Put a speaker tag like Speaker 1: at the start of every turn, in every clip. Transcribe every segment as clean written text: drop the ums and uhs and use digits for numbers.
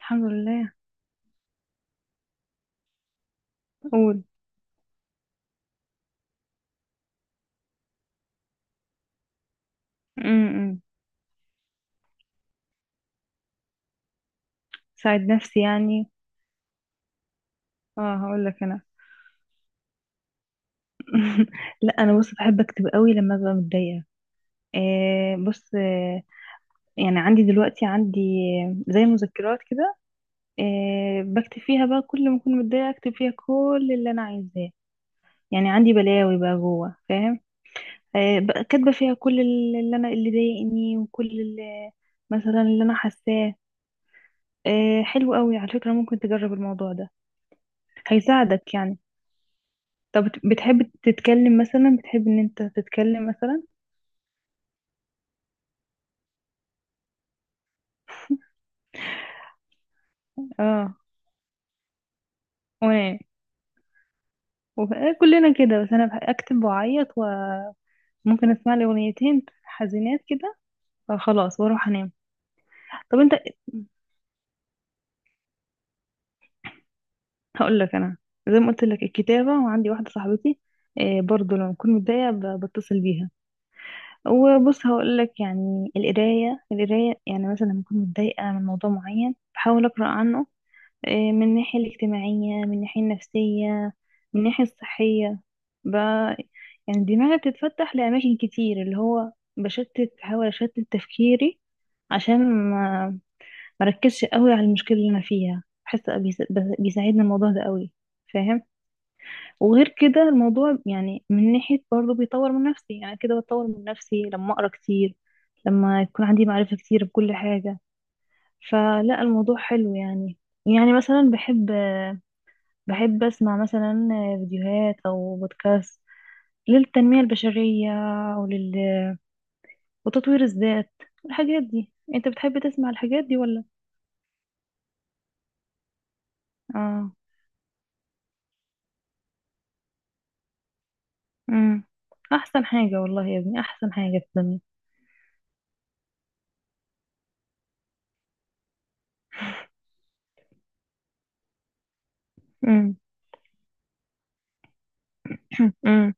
Speaker 1: الحمد لله. قول. امم. ساعد نفسي يعني. اه، هقول لك انا. لا، انا بص، بحب اكتب قوي لما ببقى متضايقه. آه، بص آه. يعني عندي دلوقتي، عندي زي مذكرات كده. آه، بكتب فيها بقى كل ما اكون متضايقه، اكتب فيها كل اللي انا عايزاه. يعني عندي بلاوي بقى جوه، فاهم؟ آه، بقى كاتبه فيها كل اللي ضايقني وكل اللي، مثلا اللي انا حاساه. آه، حلو قوي على فكره، ممكن تجرب الموضوع ده. هيساعدك يعني. طب بتحب تتكلم مثلا، بتحب ان انت تتكلم مثلا؟ اه. وانا كلنا كده، بس انا اكتب واعيط، وممكن اسمع لي اغنيتين حزينات كده، فخلاص واروح انام. طب انت، هقول لك انا. زي ما قلت لك الكتابة، وعندي واحدة صاحبتي، آه، برضو لما بكون متضايقة بتصل بيها. وبص هقول لك، يعني القراية، يعني مثلا لما بكون متضايقة من موضوع معين بحاول اقرا عنه. آه، من الناحية الاجتماعية، من الناحية النفسية، من الناحية الصحية بقى. يعني دماغي بتتفتح لأماكن كتير، اللي هو بحاول أشتت تفكيري عشان ما مركزش قوي على المشكلة اللي أنا فيها. بحس بيساعدني الموضوع ده قوي، فاهم؟ وغير كده الموضوع يعني، من ناحية برضه بيطور من نفسي، يعني كده بتطور من نفسي لما أقرأ كتير، لما يكون عندي معرفة كتير بكل حاجة. فلا، الموضوع حلو يعني. يعني مثلا بحب، بحب أسمع مثلا فيديوهات أو بودكاست للتنمية البشرية ولل... وتطوير الذات. الحاجات دي أنت بتحب تسمع الحاجات دي ولا؟ آه. أمم. أحسن حاجة والله يا ابني، أحسن حاجة في الدنيا. أمم. أمم.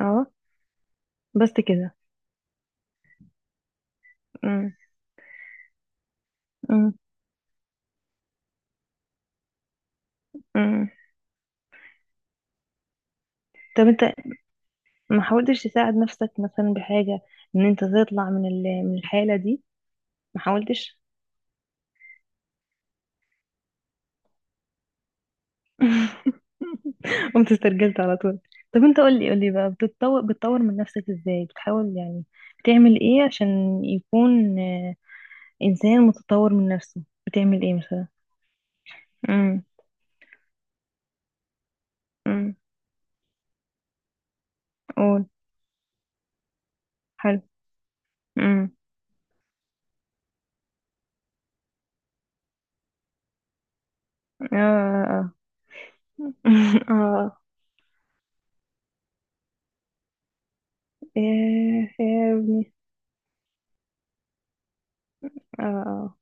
Speaker 1: أه، بس كده. أمم. أمم. أمم. طب أنت، ما حاولتش تساعد نفسك مثلا بحاجة، إن أنت تطلع من الحالة دي؟ ما حاولتش؟ قمت استرجلت على طول. طب انت قولي قولي بقى، بتطور من نفسك ازاي؟ بتحاول يعني، بتعمل ايه عشان يكون انسان متطور من نفسه؟ بتعمل ايه مثلا؟ امم. امم. قول. حلو. امم. اه، اه. اه. ايه يا ابني. اه، اه.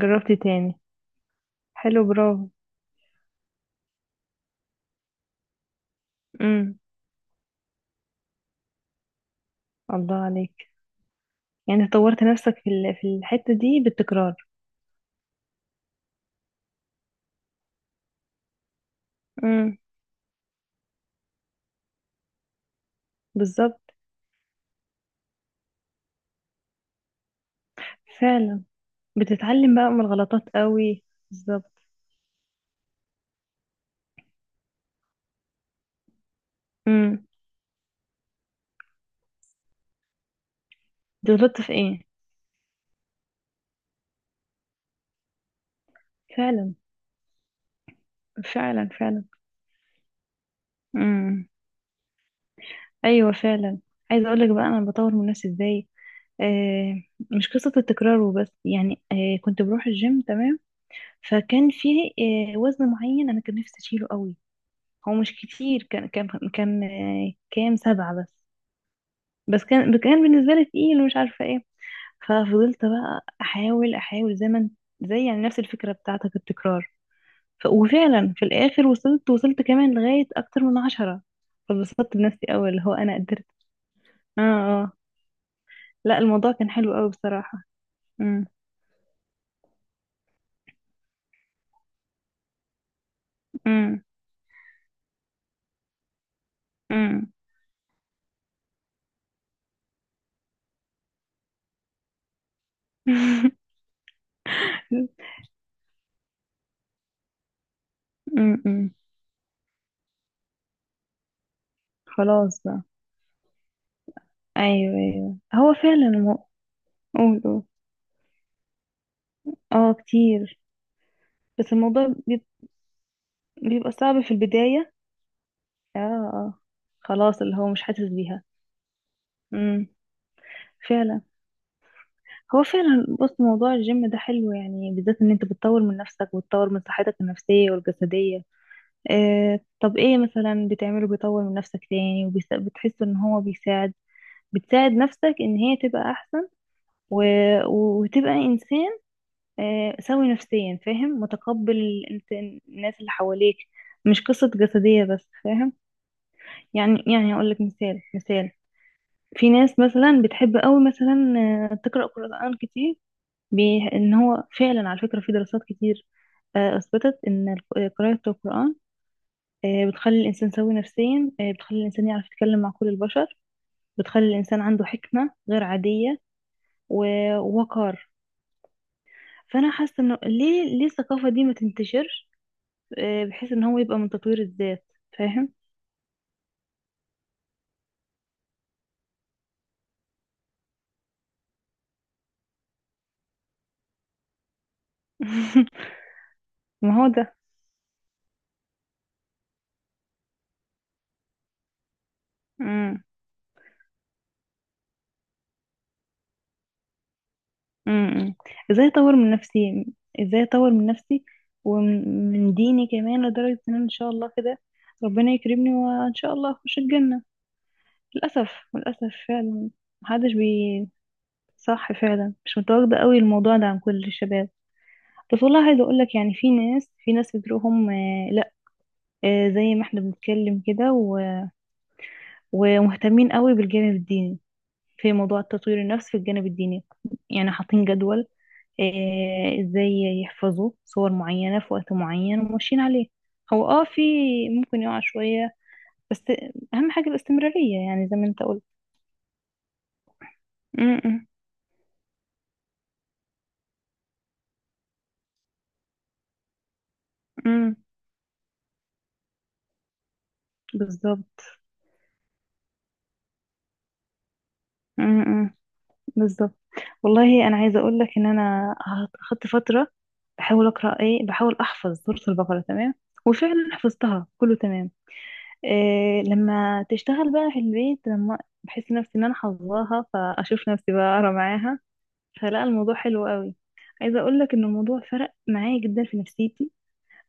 Speaker 1: جربت تاني. حلو، برافو. امم. الله عليك. يعني طورت نفسك في الحتة دي بالتكرار. امم. بالظبط. فعلا. بتتعلم بقى من الغلطات قوي. بالظبط. امم. غلطت في ايه. فعلا، فعلا، فعلا. امم. ايوه فعلا. عايزه اقول لك بقى انا بطور من نفسي ازاي. آه، مش قصه التكرار وبس. يعني كنت بروح الجيم تمام، فكان فيه وزن معين انا كان نفسي اشيله قوي. هو مش كتير، كان كان كام سبعه بس. بس كان بالنسبه لي تقيل ومش عارفه ايه. ففضلت بقى احاول احاول، زي ما انت- زي، يعني، نفس الفكره بتاعتك، التكرار. وفعلا في الاخر وصلت كمان لغاية اكتر من 10. فبسطت بنفسي قوي، اللي هو انا قدرت. اه، اه. لا، الموضوع كان حلو قوي بصراحة. امم. امم. امم. امم. أمم. خلاص بقى. ايوه، ايوه، هو فعلا قول، قول. اه، كتير. بس الموضوع بيبقى صعب في البداية. اه، اه. خلاص، اللي هو مش حاسس بيها. امم. فعلا. هو فعلا، بص، موضوع الجيم ده حلو، يعني بالذات ان انت بتطور من نفسك وتطور من صحتك النفسية والجسدية. اه، طب ايه مثلا بتعمله بيطور من نفسك تاني، وبتحس ان هو بيساعد، بتساعد نفسك ان هي تبقى احسن و... وتبقى انسان، اه، سوي نفسيا، فاهم، متقبل الناس اللي حواليك؟ مش قصة جسدية بس، فاهم؟ يعني اقول لك مثال، مثال. في ناس مثلا بتحب قوي، مثلا، آه، تقرأ قرآن كتير. ان هو فعلا على فكرة، في دراسات كتير، آه، اثبتت ان قراءة القرآن، بتخلي الانسان سوي نفسيا، بتخلي الانسان يعرف يتكلم مع كل البشر، بتخلي الانسان عنده حكمة غير عادية ووقار. فانا حاسة انه ليه، ليه الثقافة دي ما تنتشرش، آه، بحيث ان هو يبقى من تطوير الذات، فاهم؟ ما هو ده. امم. ازاي اطور من نفسي، ازاي اطور من نفسي ومن ديني كمان، لدرجة ان أنا ان شاء الله كده ربنا يكرمني، وان شاء الله اخش الجنة. للاسف، للاسف فعلا. محدش بي. صح فعلا، مش متواجدة قوي الموضوع ده عن كل الشباب. بس والله عايزة اقول لك، يعني، في ناس بتروحهم آه، لا، آه، زي ما احنا بنتكلم كده ومهتمين قوي بالجانب الديني. في موضوع تطوير النفس في الجانب الديني، يعني حاطين جدول، آه، ازاي يحفظوا صور معينة في وقت معين وماشيين عليه. هو، في، ممكن يقع شوية، بس اهم حاجة الاستمرارية، يعني زي ما انت قلت. م- م- م. بالظبط. م- م. بالظبط. والله انا عايزة اقول لك ان انا اخدت فترة بحاول اقرا، ايه، بحاول احفظ سورة البقرة، تمام. وفعلا حفظتها كله تمام. إيه، لما تشتغل بقى في البيت، لما بحس نفسي ان انا حافظاها، فاشوف نفسي بقى اقرا معاها. فلا، الموضوع حلو قوي. عايزه اقول لك ان الموضوع فرق معايا جدا في نفسيتي،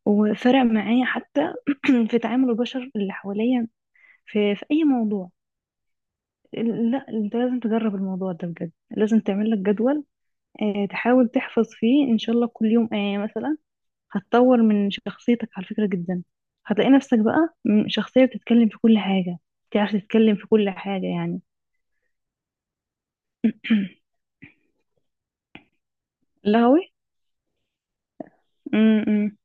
Speaker 1: وفرق معايا حتى في تعامل البشر اللي حواليا، في اي موضوع. لا، انت لازم تجرب الموضوع ده بجد، لازم تعمل لك جدول، آه، تحاول تحفظ فيه ان شاء الله كل يوم آية مثلا. هتطور من شخصيتك على فكرة جدا، هتلاقي نفسك بقى شخصية بتتكلم في كل حاجة، تعرف تتكلم في كل حاجة، يعني. لهوي. م- م-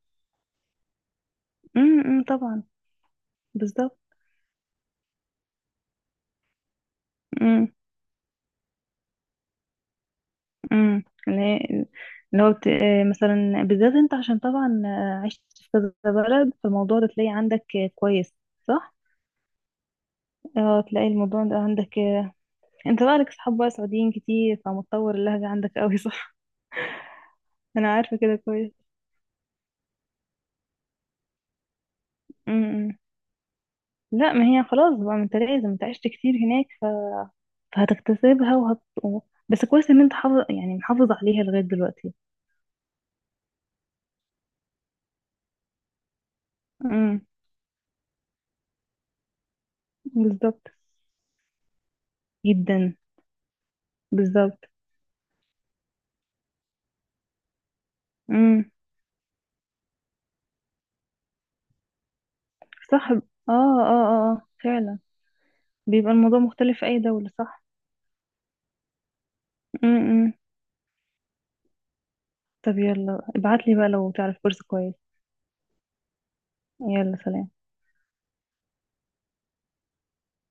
Speaker 1: طبعا. بالظبط. امم. اللي هو بت... آه، مثلا بالذات انت، عشان طبعا، عشت في كذا بلد، فالموضوع ده تلاقي عندك، كويس، صح؟ اه، تلاقي الموضوع ده عندك، انت بقى لك صحاب بقى سعوديين كتير، فمتطور اللهجة عندك قوي، صح؟ انا عارفة كده كويس. امم. لا، ما هي خلاص بقى، ما انت لازم، انت عشت كتير هناك، فهتكتسبها بس كويس ان انت حافظ، يعني محافظ عليها لغاية دلوقتي. امم. بالظبط. جدا. بالظبط. امم. صح، اه. اه، اه، آه، فعلا. بيبقى الموضوع مختلف في أي دولة، صح؟ م -م. طب يلا ابعتلي بقى لو تعرف كورس كويس. يلا، سلام.